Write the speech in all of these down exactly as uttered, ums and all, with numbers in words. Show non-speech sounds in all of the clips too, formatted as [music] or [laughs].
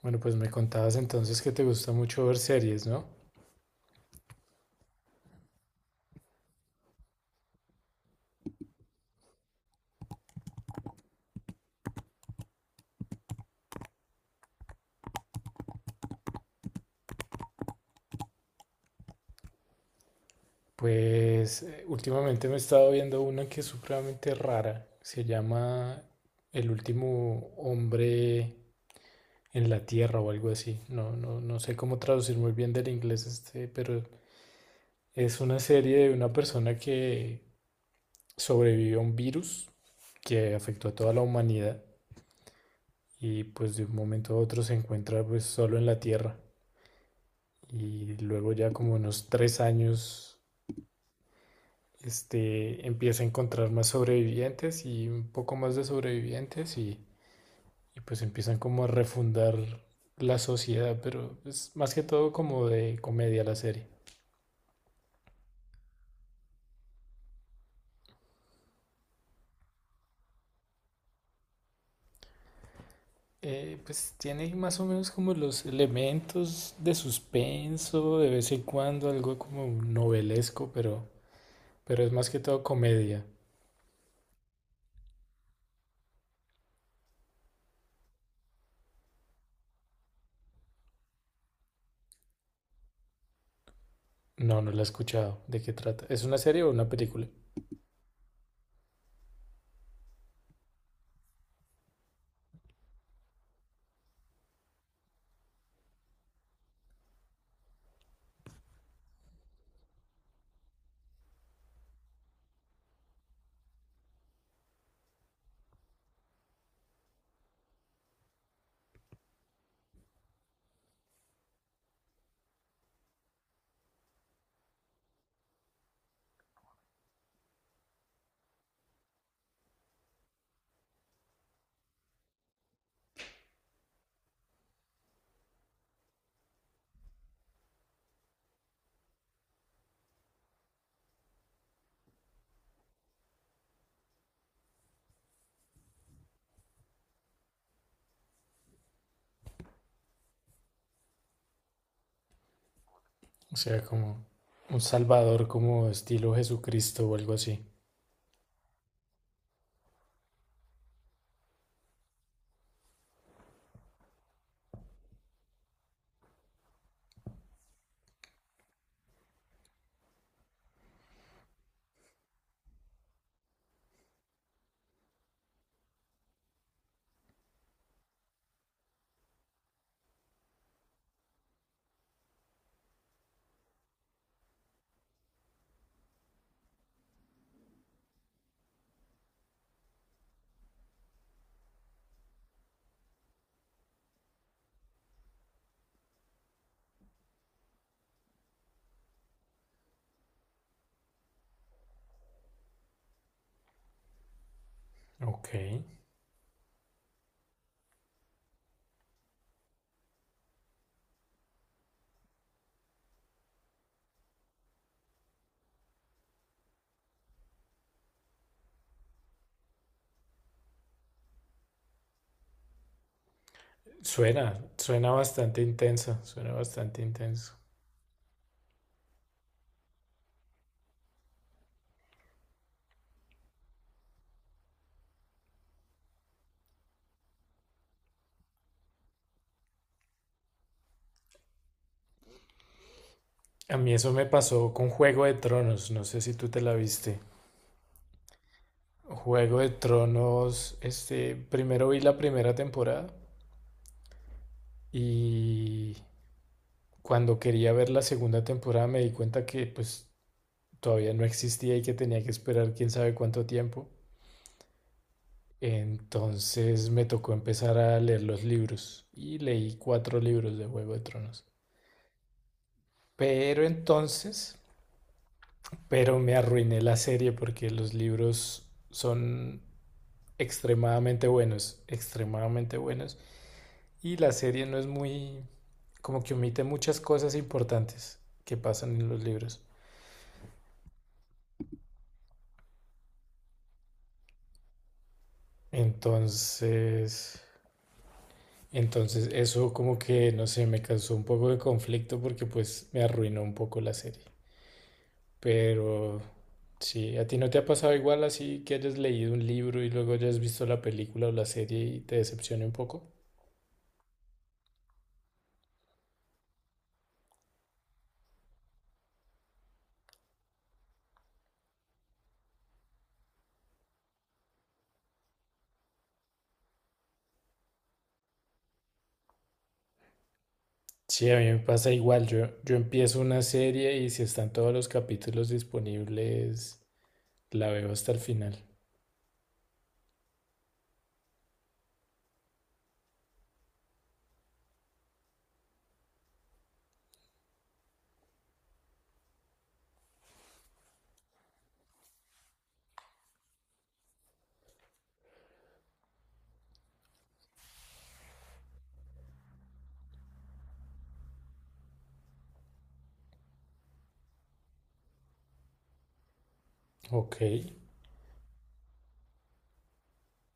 Bueno, pues me contabas entonces que te gusta mucho ver series, ¿no? Pues eh, últimamente me he estado viendo una que es supremamente rara. Se llama El último hombre en la Tierra o algo así. No, no, no sé cómo traducir muy bien del inglés este, pero es una serie de una persona que sobrevivió a un virus que afectó a toda la humanidad y pues de un momento a otro se encuentra pues solo en la Tierra. Y luego ya como unos tres años este, empieza a encontrar más sobrevivientes y un poco más de sobrevivientes y, y pues empiezan como a refundar la sociedad, pero es más que todo como de comedia la serie. Eh, pues tiene más o menos como los elementos de suspenso, de vez en cuando algo como novelesco, pero, pero es más que todo comedia. No, no la he escuchado. ¿De qué trata? ¿Es una serie o una película? O sea, como un salvador como estilo Jesucristo o algo así. Ok. Suena, suena bastante intenso, suena bastante intenso. A mí eso me pasó con Juego de Tronos, no sé si tú te la viste. Juego de Tronos, este, primero vi la primera temporada y cuando quería ver la segunda temporada me di cuenta que pues todavía no existía y que tenía que esperar quién sabe cuánto tiempo. Entonces me tocó empezar a leer los libros y leí cuatro libros de Juego de Tronos. Pero entonces... Pero me arruiné la serie porque los libros son extremadamente buenos, extremadamente buenos. Y la serie no es muy, como que omite muchas cosas importantes que pasan en los libros. Entonces, entonces eso como que, no sé, me causó un poco de conflicto porque pues me arruinó un poco la serie. Pero sí, ¿a ti no te ha pasado igual así que hayas leído un libro y luego hayas visto la película o la serie y te decepcione un poco? Sí, a mí me pasa igual. Yo, yo empiezo una serie y si están todos los capítulos disponibles, la veo hasta el final. Ok.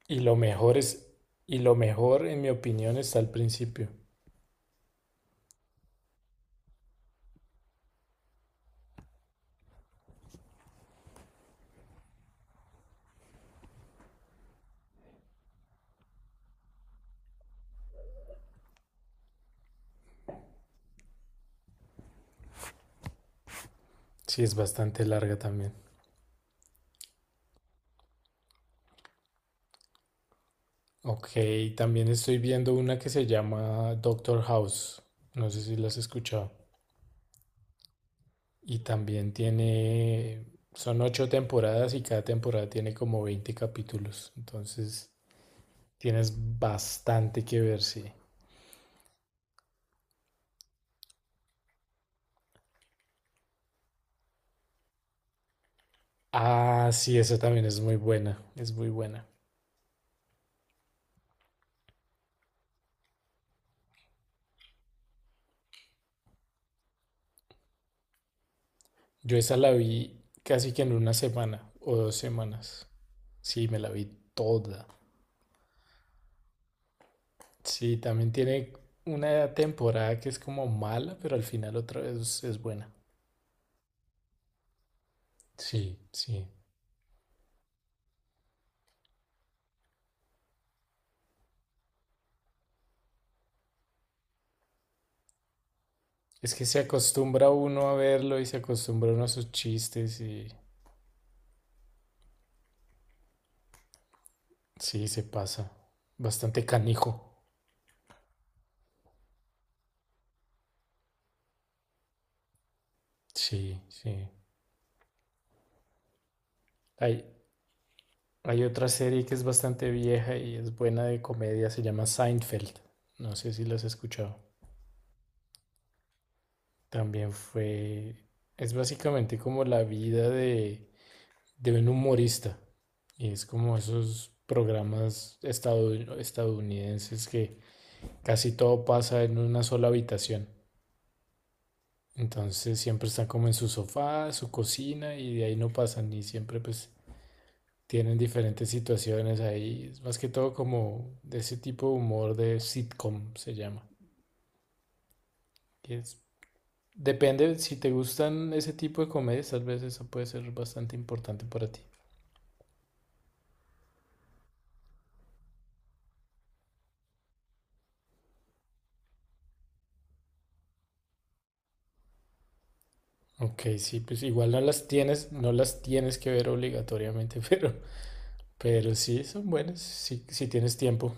Y lo mejor es, y lo mejor, en mi opinión, está al principio. Sí, es bastante larga también. Ok, también estoy viendo una que se llama Doctor House. No sé si la has escuchado. Y también tiene, son ocho temporadas y cada temporada tiene como veinte capítulos. Entonces, tienes bastante que ver, sí. Ah, sí, esa también es muy buena, es muy buena. Yo esa la vi casi que en una semana o dos semanas. Sí, me la vi toda. Sí, también tiene una temporada que es como mala, pero al final otra vez es buena. Sí, sí. Es que se acostumbra uno a verlo y se acostumbra uno a sus chistes y sí, se pasa. Bastante canijo. Sí, sí. Hay, Hay otra serie que es bastante vieja y es buena de comedia, se llama Seinfeld. No sé si la has escuchado. También fue... Es básicamente como la vida de, de un humorista. Y es como esos programas estadoun- estadounidenses que casi todo pasa en una sola habitación. Entonces siempre están como en su sofá, su cocina y de ahí no pasan y siempre pues tienen diferentes situaciones ahí. Es más que todo como de ese tipo de humor de sitcom se llama. que es- Depende, si te gustan ese tipo de comedias, tal vez eso puede ser bastante importante para ti. Ok, sí, pues igual no las tienes, no las tienes que ver obligatoriamente, [laughs] pero, pero sí son buenas, si, si tienes tiempo.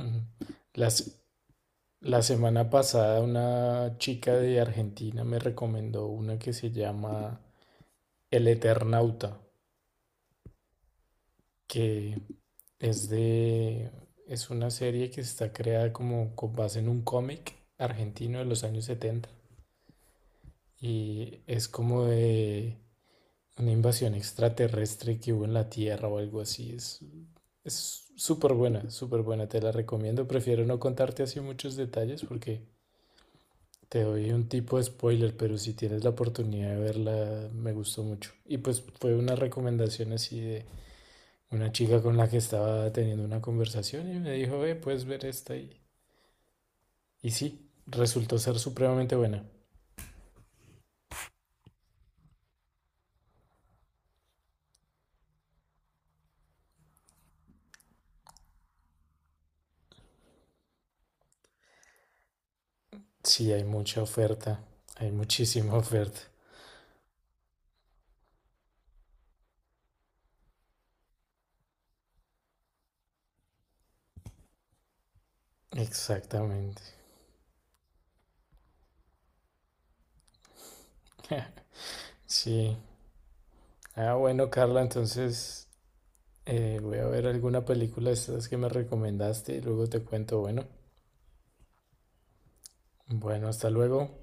Ujú. Las, la semana pasada una chica de Argentina me recomendó una que se llama El Eternauta, que Es de, es una serie que está creada como con base en un cómic argentino de los años setenta y es como de una invasión extraterrestre que hubo en la Tierra o algo así. Es, es súper buena, súper buena, te la recomiendo. Prefiero no contarte así muchos detalles porque te doy un tipo de spoiler, pero si tienes la oportunidad de verla, me gustó mucho. Y pues fue una recomendación así de una chica con la que estaba teniendo una conversación y me dijo, ve, puedes ver esta y. Y sí, resultó ser supremamente buena. Sí, hay mucha oferta. Hay muchísima oferta. Exactamente. [laughs] Sí. Ah, bueno, Carla, entonces eh, voy a ver alguna película de estas que me recomendaste y luego te cuento. Bueno, bueno, hasta luego.